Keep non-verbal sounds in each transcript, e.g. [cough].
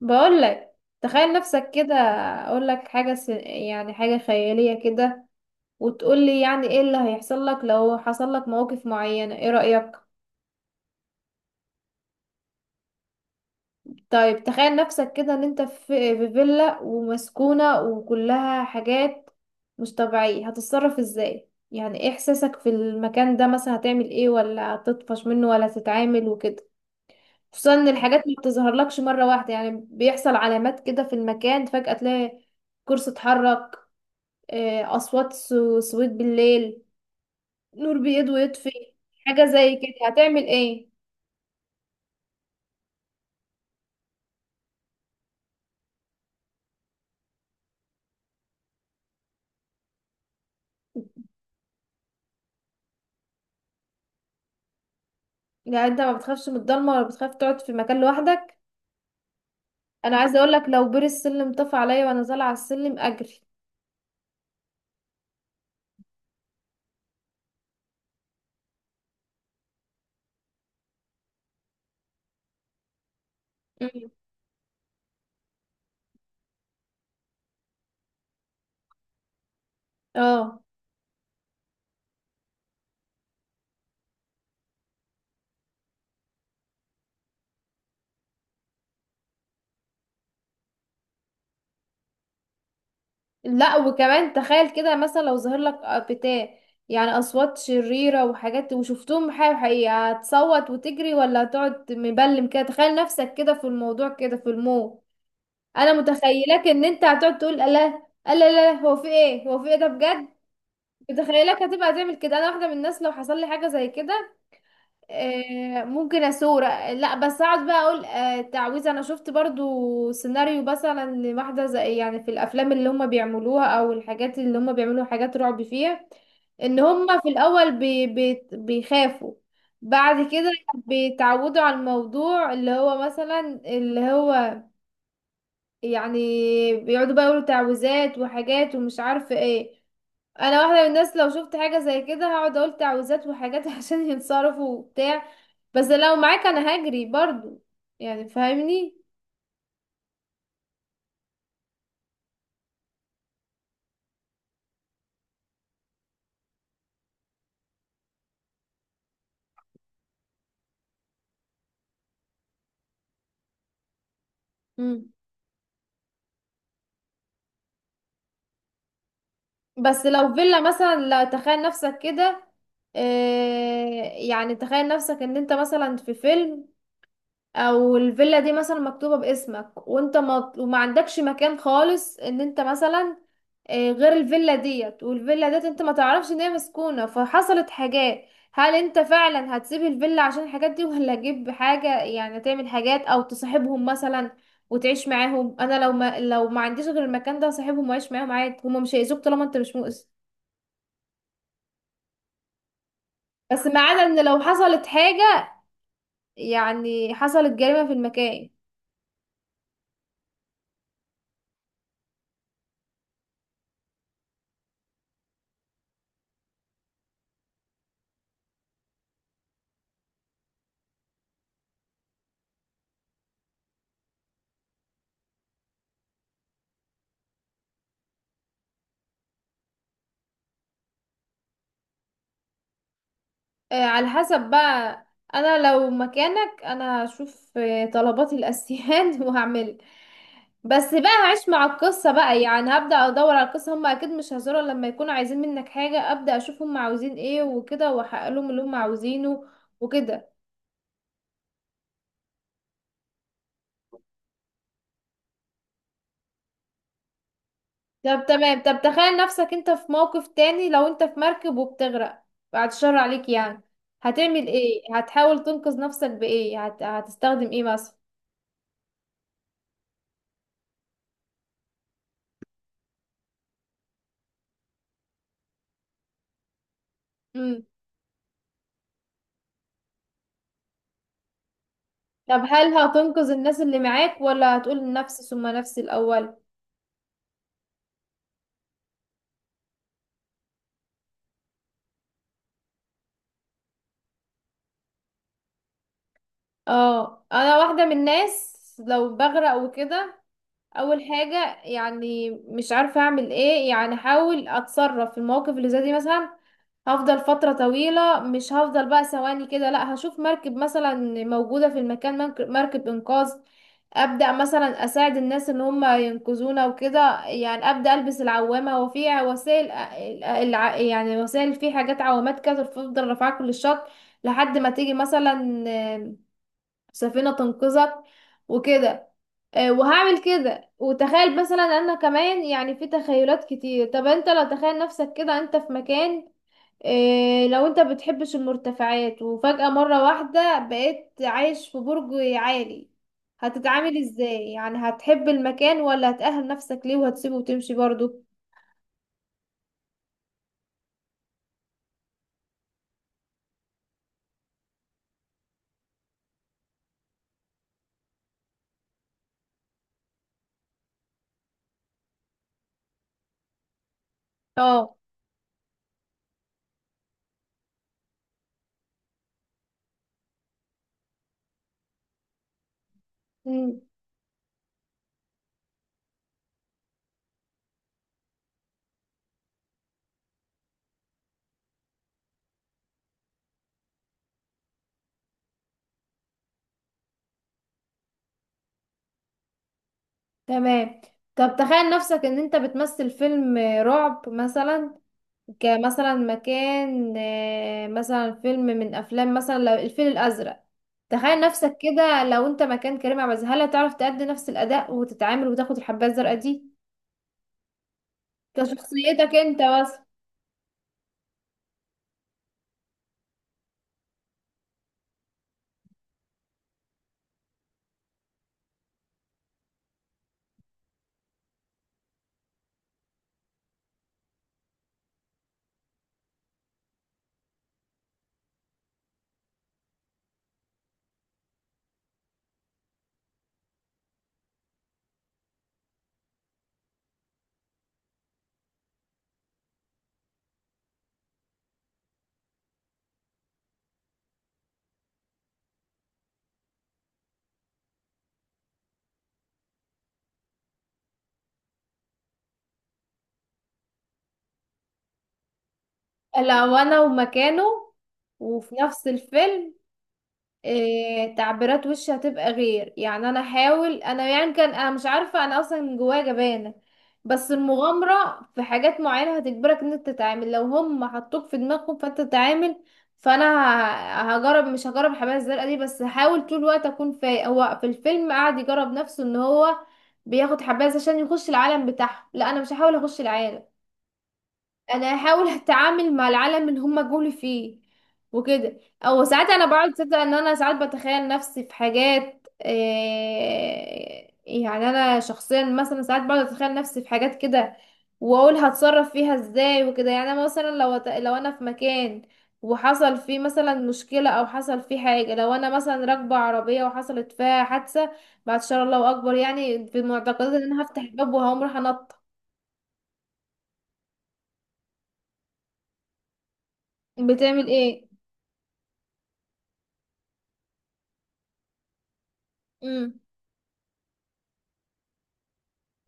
بقول لك تخيل نفسك كده، اقول لك حاجه س... يعني حاجه خياليه كده وتقول لي يعني ايه اللي هيحصل لك لو حصل لك مواقف معينه. ايه رايك؟ طيب تخيل نفسك كده ان انت في فيلا ومسكونه وكلها حاجات مش طبيعيه. هتتصرف ازاي؟ يعني ايه احساسك في المكان ده؟ مثلا هتعمل ايه؟ ولا هتطفش منه ولا هتتعامل وكده؟ خصوصا ان الحاجات ما بتظهرلكش مره واحده، يعني بيحصل علامات كده في المكان، فجاه تلاقي كرسي اتحرك، أصوات سويت بالليل، نور بيض ويطفي. حاجة زي كده هتعمل ايه؟ يعني انت ما بتخافش من الضلمة ولا بتخاف تقعد في مكان لوحدك؟ أنا عايزة أقولك لو بير السلم طفى عليا وأنا طالعة على السلم أجري. مم. اه، لا وكمان تخيل كده مثلا لو ظهر لك بتاع، يعني أصوات شريرة وحاجات وشفتهم حقيقي حقيقي، هتصوت وتجري ولا هتقعد مبلم كده؟ تخيل نفسك كده في الموضوع كده في الموت. انا متخيلاك ان انت هتقعد تقول لا لا، لا لا هو في ايه، هو في ايه ده بجد. متخيلاك هتبقى تعمل كده. انا واحده من الناس لو حصل لي حاجه زي كده، ممكن اسور، لا بس اقعد بقى اقول تعويذه. انا شفت برضو سيناريو مثلا لواحده زي، يعني في الافلام اللي هم بيعملوها او الحاجات اللي هم بيعملوا حاجات رعب فيها، ان هم في الاول بي بي بيخافوا، بعد كده بيتعودوا على الموضوع اللي هو مثلا، اللي هو يعني بيقعدوا بقى يقولوا تعويذات وحاجات ومش عارفة ايه. انا واحدة من الناس لو شفت حاجة زي كده هقعد اقول تعويذات وحاجات [laughs] عشان ينصرفوا وبتاع. بس لو معاك انا هجري برضو، يعني فاهمني. مم. بس لو فيلا مثلا، لا تخيل نفسك كده، آه، يعني تخيل نفسك ان انت مثلا في فيلم او الفيلا دي مثلا مكتوبة باسمك وانت ما عندكش مكان خالص، ان انت مثلا غير الفيلا ديت، والفيلا ديت انت ما تعرفش ان هي مسكونة فحصلت حاجات. هل انت فعلا هتسيب الفيلا عشان الحاجات دي، ولا تجيب حاجة يعني تعمل حاجات او تصاحبهم مثلا وتعيش معاهم؟ انا لو ما عنديش غير المكان ده هصاحبهم واعيش معاهم عادي، هما مش هيأذوك طالما انت مش مؤذي. بس ما عدا ان لو حصلت حاجة، يعني حصلت جريمة في المكان. على حسب بقى. انا لو مكانك انا هشوف طلباتي الاساسيات [laughs] وهعمل. بس بقى هعيش مع القصة بقى، يعني هبدأ ادور على القصة. هم اكيد مش هيزوروا لما يكونوا عايزين منك حاجة، ابدأ اشوف هم عاوزين ايه وكده واحقق لهم اللي هم عاوزينه وكده. طب تمام، طب تخيل نفسك انت في موقف تاني، لو انت في مركب وبتغرق، بعد الشر عليك يعني، هتعمل ايه؟ هتحاول تنقذ نفسك بايه؟ هتستخدم ايه مثلا؟ طب هل هتنقذ الناس اللي معاك، ولا هتقول نفسي ثم نفسي الأول؟ اه انا واحدة من الناس لو بغرق وكده، اول حاجه يعني مش عارفه اعمل ايه، يعني احاول اتصرف في المواقف اللي زي دي مثلا. هفضل فتره طويله، مش هفضل بقى ثواني كده، لا هشوف مركب مثلا موجوده في المكان مركب انقاذ، ابدا مثلا اساعد الناس ان هم ينقذونا وكده، يعني ابدا البس العوامه وفي وسائل، يعني وسائل في حاجات عوامات كده تفضل رافعاك كل الشط لحد ما تيجي مثلا سفينه تنقذك وكده. وهعمل كده. وتخيل مثلا انا كمان يعني في تخيلات كتير، طب انت لو تخيل نفسك كده انت في مكان، لو انت بتحبش المرتفعات وفجأة مرة واحدة بقيت عايش في برج عالي، هتتعامل ازاي؟ يعني هتحب المكان ولا هتأهل نفسك ليه وهتسيبه وتمشي برضو؟ اه. مم. تمام، طب تخيل نفسك ان انت بتمثل فيلم رعب مثلا، كمثلا مكان مثلا فيلم من افلام مثلا لو الفيل الازرق، تخيل نفسك كده لو انت مكان كريم عبد العزيز، هل هتعرف تأدي نفس الاداء وتتعامل وتاخد الحبايه الزرقاء دي كشخصيتك انت بس؟ لو انا ومكانه وفي نفس الفيلم، إيه تعبيرات وشي هتبقى غير؟ يعني انا احاول، انا يعني كان، انا مش عارفه انا اصلا من جوايا جبانه، بس المغامره في حاجات معينه هتجبرك ان انت تتعامل، لو هم حطوك في دماغهم فانت تتعامل. فانا هجرب، مش هجرب الحبايه الزرقاء دي، بس هحاول طول الوقت اكون فايق. هو في الفيلم قعد يجرب نفسه ان هو بياخد حبايه عشان يخش العالم بتاعهم، لا انا مش هحاول اخش العالم، انا هحاول اتعامل مع العالم اللي هم جولي فيه وكده. او ساعات انا بقعد تصدق ان انا ساعات بتخيل نفسي في حاجات، إيه يعني، انا شخصيا مثلا ساعات بقعد اتخيل نفسي في حاجات كده واقول هتصرف فيها ازاي وكده. يعني انا مثلا لو انا في مكان وحصل فيه مثلا مشكلة او حصل فيه حاجة، لو انا مثلا راكبة عربية وحصلت فيها حادثة، بعد شر الله اكبر يعني، في معتقدات ان انا هفتح الباب وهقوم رايحة انط. بتعمل ايه؟ امم،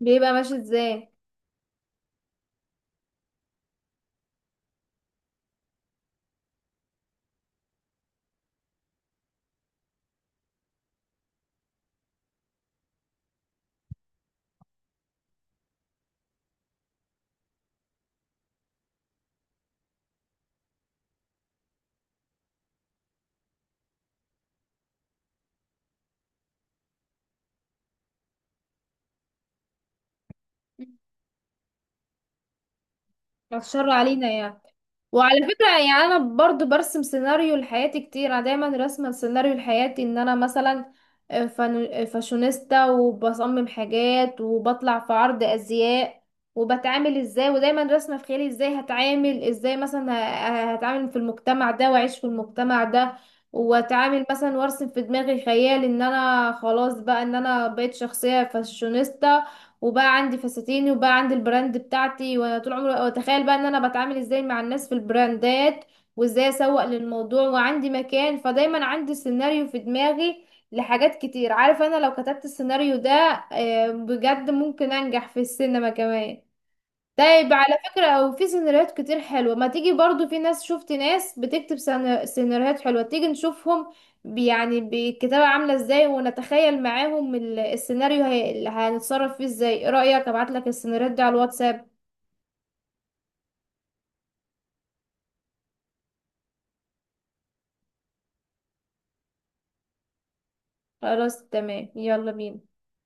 بيبقى ماشي ازاي؟ الشر علينا يعني. وعلى فكرة يعني أنا برضو برسم سيناريو لحياتي كتير، أنا دايما راسمة سيناريو لحياتي إن أنا مثلا فاشونيستا وبصمم حاجات وبطلع في عرض أزياء وبتعامل ازاي، ودايما راسمة في خيالي ازاي هتعامل، ازاي مثلا هتعامل في المجتمع ده وأعيش في المجتمع ده واتعامل مثلا، وارسم في دماغي خيال ان انا خلاص بقى ان انا بقيت شخصية فاشونيستا وبقى عندي فساتيني وبقى عندي البراند بتاعتي، وانا طول عمري واتخيل بقى ان انا بتعامل ازاي مع الناس في البراندات، وازاي اسوق للموضوع وعندي مكان، فدايما عندي سيناريو في دماغي لحاجات كتير. عارف انا لو كتبت السيناريو ده بجد ممكن انجح في السينما كمان. طيب على فكرة في سيناريوهات كتير حلوة، ما تيجي برضو، في ناس شفت ناس بتكتب سيناريوهات حلوة، تيجي نشوفهم يعني بالكتابة عاملة ازاي، ونتخيل معاهم السيناريو اللي هنتصرف فيه ازاي. ايه رأيك ابعتلك السيناريوهات دي على الواتساب؟ خلاص تمام، يلا بينا.